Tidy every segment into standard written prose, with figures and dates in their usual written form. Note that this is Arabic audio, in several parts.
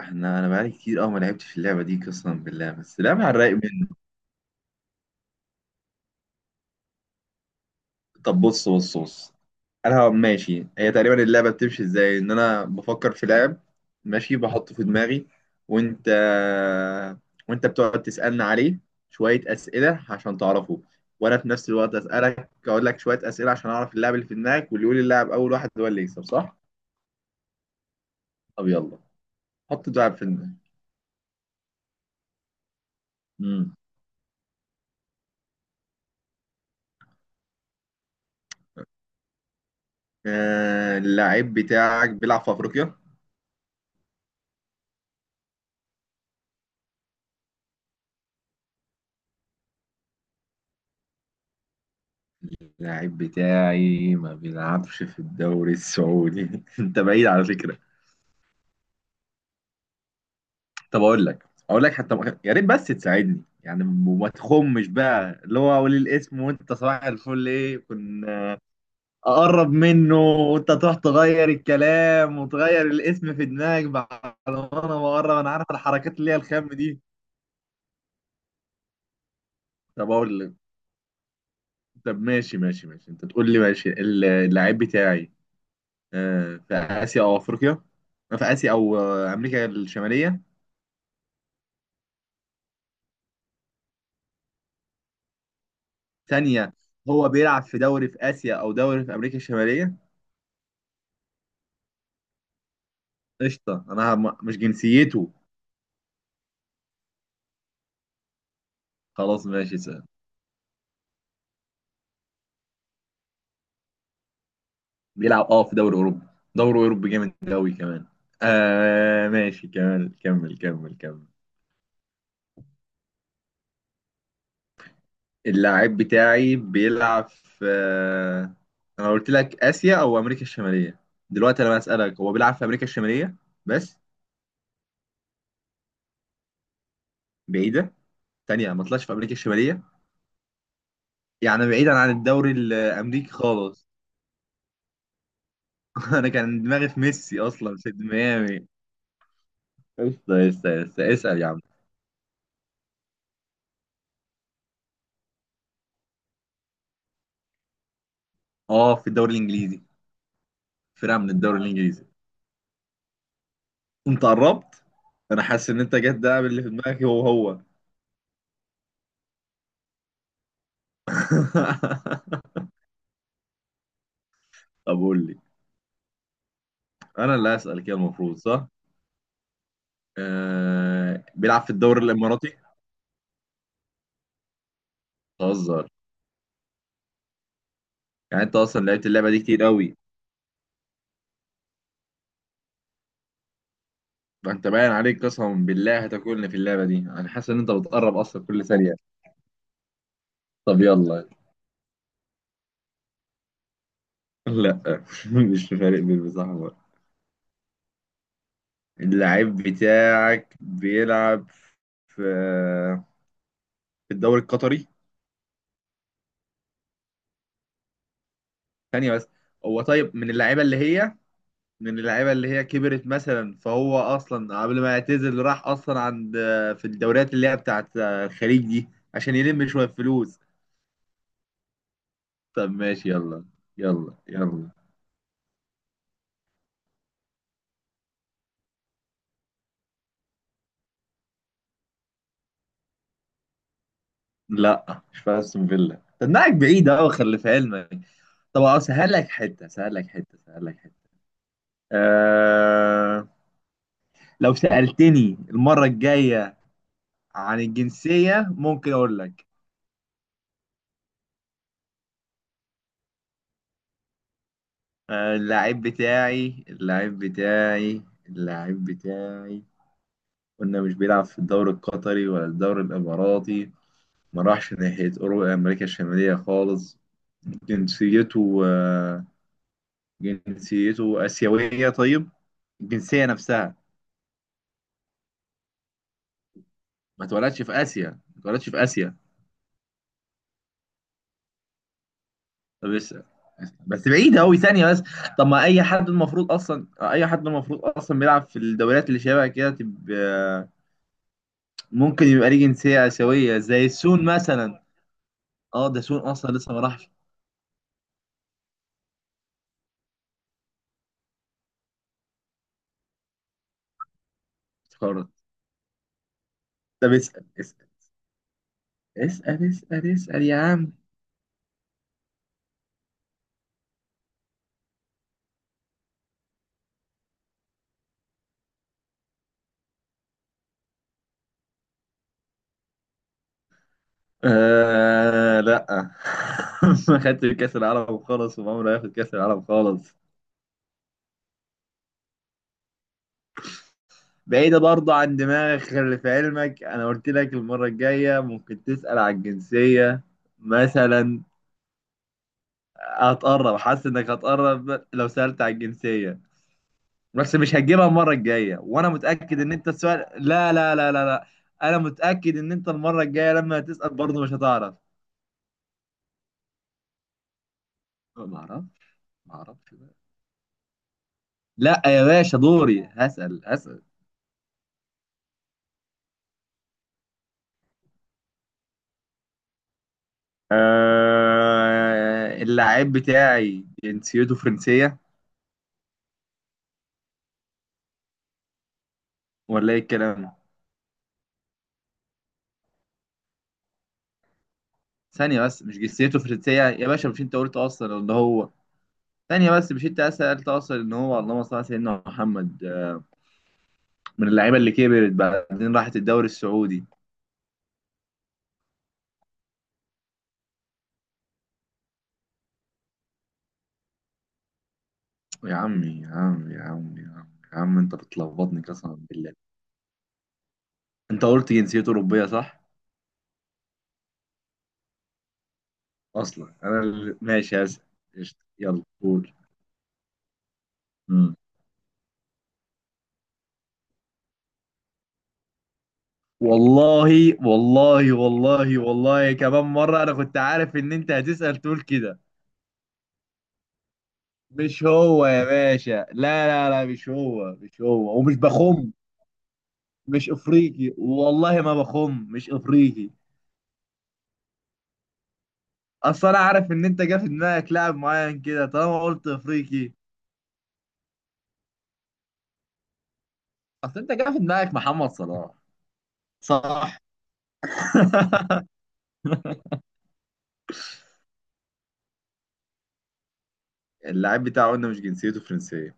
انا بقالي كتير قوي ما لعبتش في اللعبه دي قسما بالله، بس لعبة على الرايق منه. طب بص بص بص. انا هبقى ماشي، هي تقريبا اللعبه بتمشي ازاي؟ انا بفكر في لاعب ماشي بحطه في دماغي، وانت وانت بتقعد تسالني عليه شويه اسئله عشان تعرفه، وانا في نفس الوقت اسالك اقول لك شويه اسئله عشان اعرف اللاعب اللي في دماغك، واللي يقول اللاعب اول واحد هو اللي يكسب، صح؟ طب يلا حط اللاعب في دماغك. امم اللاعب بتاعك بيلعب في افريقيا؟ اللاعب بتاعي ما بيلعبش في الدوري السعودي انت بعيد على فكرة. طب اقول لك، اقول لك حتى يا ريت بس تساعدني يعني وما تخمش بقى، اللي هو اقول الاسم وانت صباح الفل ايه كنا اقرب منه وانت تروح تغير الكلام وتغير الاسم في دماغك بعد. ما انا بقرب انا عارف الحركات اللي هي الخام دي. طب اقول لك. طب ماشي ماشي ماشي، انت تقول لي ماشي. اللاعب بتاعي في اسيا او افريقيا، في اسيا او امريكا الشمالية. ثانية، هو بيلعب في دوري في آسيا أو دوري في أمريكا الشمالية؟ قشطة. أنا مش جنسيته. خلاص ماشي سهل. بيلعب في دوري أوروبا، دوري أوروبي جامد أوي كمان. آه ماشي كمل كمل كمل كمل. اللاعب بتاعي بيلعب في أنا قلت لك آسيا أو أمريكا الشمالية، دلوقتي أنا بسألك هو بيلعب في أمريكا الشمالية بس؟ بعيدة، ثانية، ما طلعش في أمريكا الشمالية. يعني بعيدا عن الدوري الأمريكي خالص. أنا كان دماغي في ميسي أصلا في ميامي. لسه لسه لسه اسال يا عم. اه في الدوري الانجليزي، فرقه من الدوري الانجليزي. انت قربت. انا حاسس ان انت جت، ده اللي في دماغي هو هو. طب قول لي. انا اللي هسال كده المفروض، صح؟ بيلعب في الدوري الاماراتي؟ بتهزر؟ يعني انت اصلا لعبت اللعبه دي كتير قوي. ده انت باين عليك قسما بالله هتاكلني في اللعبه دي، انا حاسس ان انت بتقرب اصلا كل ثانيه. طب يلا. لا مش في فريق بيلبس احمر. اللعيب بتاعك بيلعب في في الدوري القطري؟ ثانية بس. هو طيب من اللعيبة اللي هي، من اللعيبة اللي هي كبرت مثلا، فهو أصلا قبل ما يعتزل راح أصلا عند في الدوريات اللي هي بتاعت الخليج دي عشان يلم شوية فلوس. طب ماشي يلا، يلا يلا. لا مش في أستون فيلا، تنقعك بعيد أوي خلي في علمك. طب أسهل لك حتة، سهل لك حتة، سهل لك حتة. أه... لو سألتني المرة الجاية عن الجنسية ممكن أقول لك. آه، اللاعب بتاعي اللاعب بتاعي اللاعب بتاعي قلنا مش بيلعب في الدوري القطري ولا الدوري الإماراتي، ما راحش ناحية أوروبا أمريكا الشمالية خالص. جنسيته جنسيته آسيوية؟ طيب الجنسية نفسها، ما اتولدش في آسيا، ما اتولدش في آسيا. طب اسأل، بس بعيد أوي ثانية بس. طب ما أي حد المفروض أصلا بيلعب في الدوريات اللي شبه كده تبقى، ممكن يبقى ليه جنسية آسيوية زي السون مثلا. اه ده سون أصلا لسه ما راحش. افتكرت. طب اسأل اسأل اسأل اسأل اسأل يا عم. آه لا ما خدتش كأس العالم خالص، وما عمره هياخد كأس العالم خالص. بعيدة برضه عن دماغك، خلي في علمك أنا قلت لك المرة الجاية ممكن تسأل على الجنسية مثلا. هتقرب، حاسس إنك هتقرب لو سألت على الجنسية، بس مش هتجيبها المره الجايه، وانا متاكد ان انت السؤال لا لا لا لا لا. انا متاكد ان انت المره الجايه لما هتسال برضه مش هتعرف. ما اعرفش، ما اعرفش بقى. لا يا باشا، دوري هسال هسال. اللاعب بتاعي جنسيته فرنسيه، ولا ايه الكلام؟ ثانيه بس، مش جنسيته فرنسيه يا باشا، مش انت قلت اصلا ان هو، ثانيه بس مش انت سالت اصلا ان هو، اللهم صل على سيدنا محمد. من اللعيبه اللي كبرت بعدين راحت الدوري السعودي. يا عمي يا عمي يا عمي يا عمي يا عم انت بتلخبطني قسما بالله. انت قلت جنسيته اوروبيه، صح؟ اصلا انا ماشي هسأل. قشطة. يلا قول. مم. والله والله والله والله كمان مره انا كنت عارف ان انت هتسأل تقول كده. مش هو يا باشا، لا لا لا مش هو مش هو ومش بخم. مش افريقي والله، ما بخم، مش افريقي. اصل انا عارف ان انت جا في دماغك لاعب معين كده طالما قلت افريقي. اصل انت جا في دماغك محمد صلاح، صح؟ اللاعب بتاعه قلنا مش جنسيته فرنسية،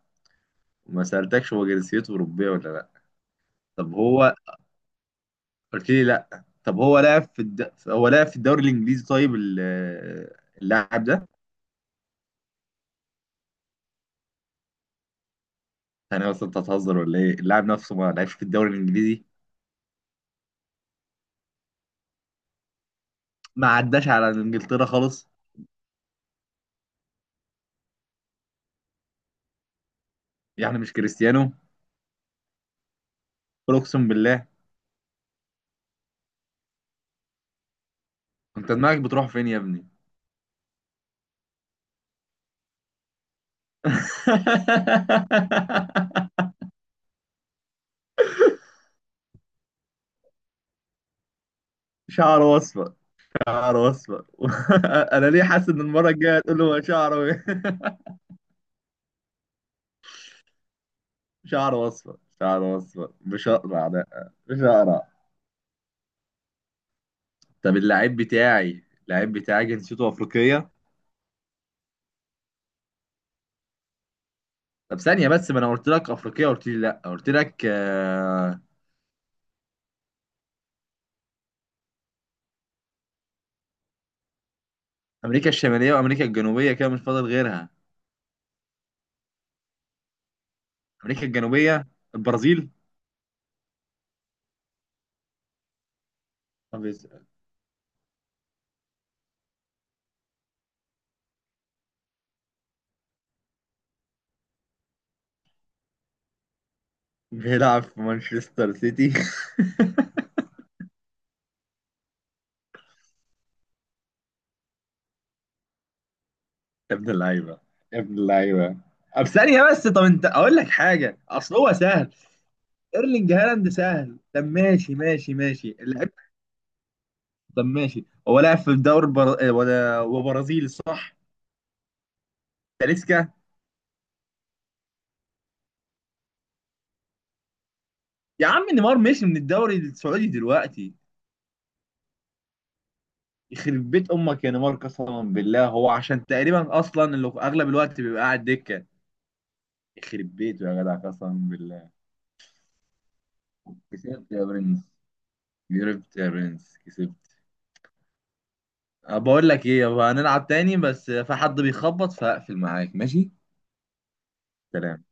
وما سألتكش هو جنسيته أوروبية ولا لأ. طب هو، قلت لي لأ، طب هو لعب في الدوري الإنجليزي، طيب اللاعب ده. أنا أصلا، أنت هتهزر ولا إيه؟ اللاعب نفسه ما لعبش في الدوري الإنجليزي، ما عداش على إنجلترا خالص؟ يعني مش كريستيانو؟ قل أقسم بالله. أنت دماغك بتروح فين يا ابني؟ شعره أصفر، شعره أصفر. أنا ليه حاسس إن المرة الجاية هتقول له هو شعره إيه؟ شعره اصفر، شعره اصفر، مش اقرع، لا مش اقرع. طب اللعيب بتاعي، اللعيب بتاعي جنسيته افريقيه؟ طب ثانيه بس، ما انا قلت لك افريقيه قلت لي لا، قلت لك امريكا الشماليه وامريكا الجنوبيه، كده مش فاضل غيرها. امريكا الجنوبيه، البرازيل. طب بيلعب في مانشستر سيتي. يا ابن اللعيبه، يا ابن اللعيبه. طب ثانيه بس، طب انت اقول لك حاجه، اصل هو سهل. ايرلينج هالاند سهل. طب ماشي ماشي ماشي اللعيب. طب ماشي هو لاعب في الدوري وبرازيلي، صح؟ تاليسكا. يا عم نيمار مشي من الدوري السعودي دلوقتي؟ يخرب بيت امك يا نيمار قسما بالله، هو عشان تقريبا اصلا اللي في اغلب الوقت بيبقى قاعد دكه. يخرب بيته يا جدع قسما بالله. كسبت يا برنس، كسبت يا برنس، كسبت. بقول لك ايه يابا، هنلعب تاني بس في حد بيخبط فهقفل معاك، ماشي؟ سلام.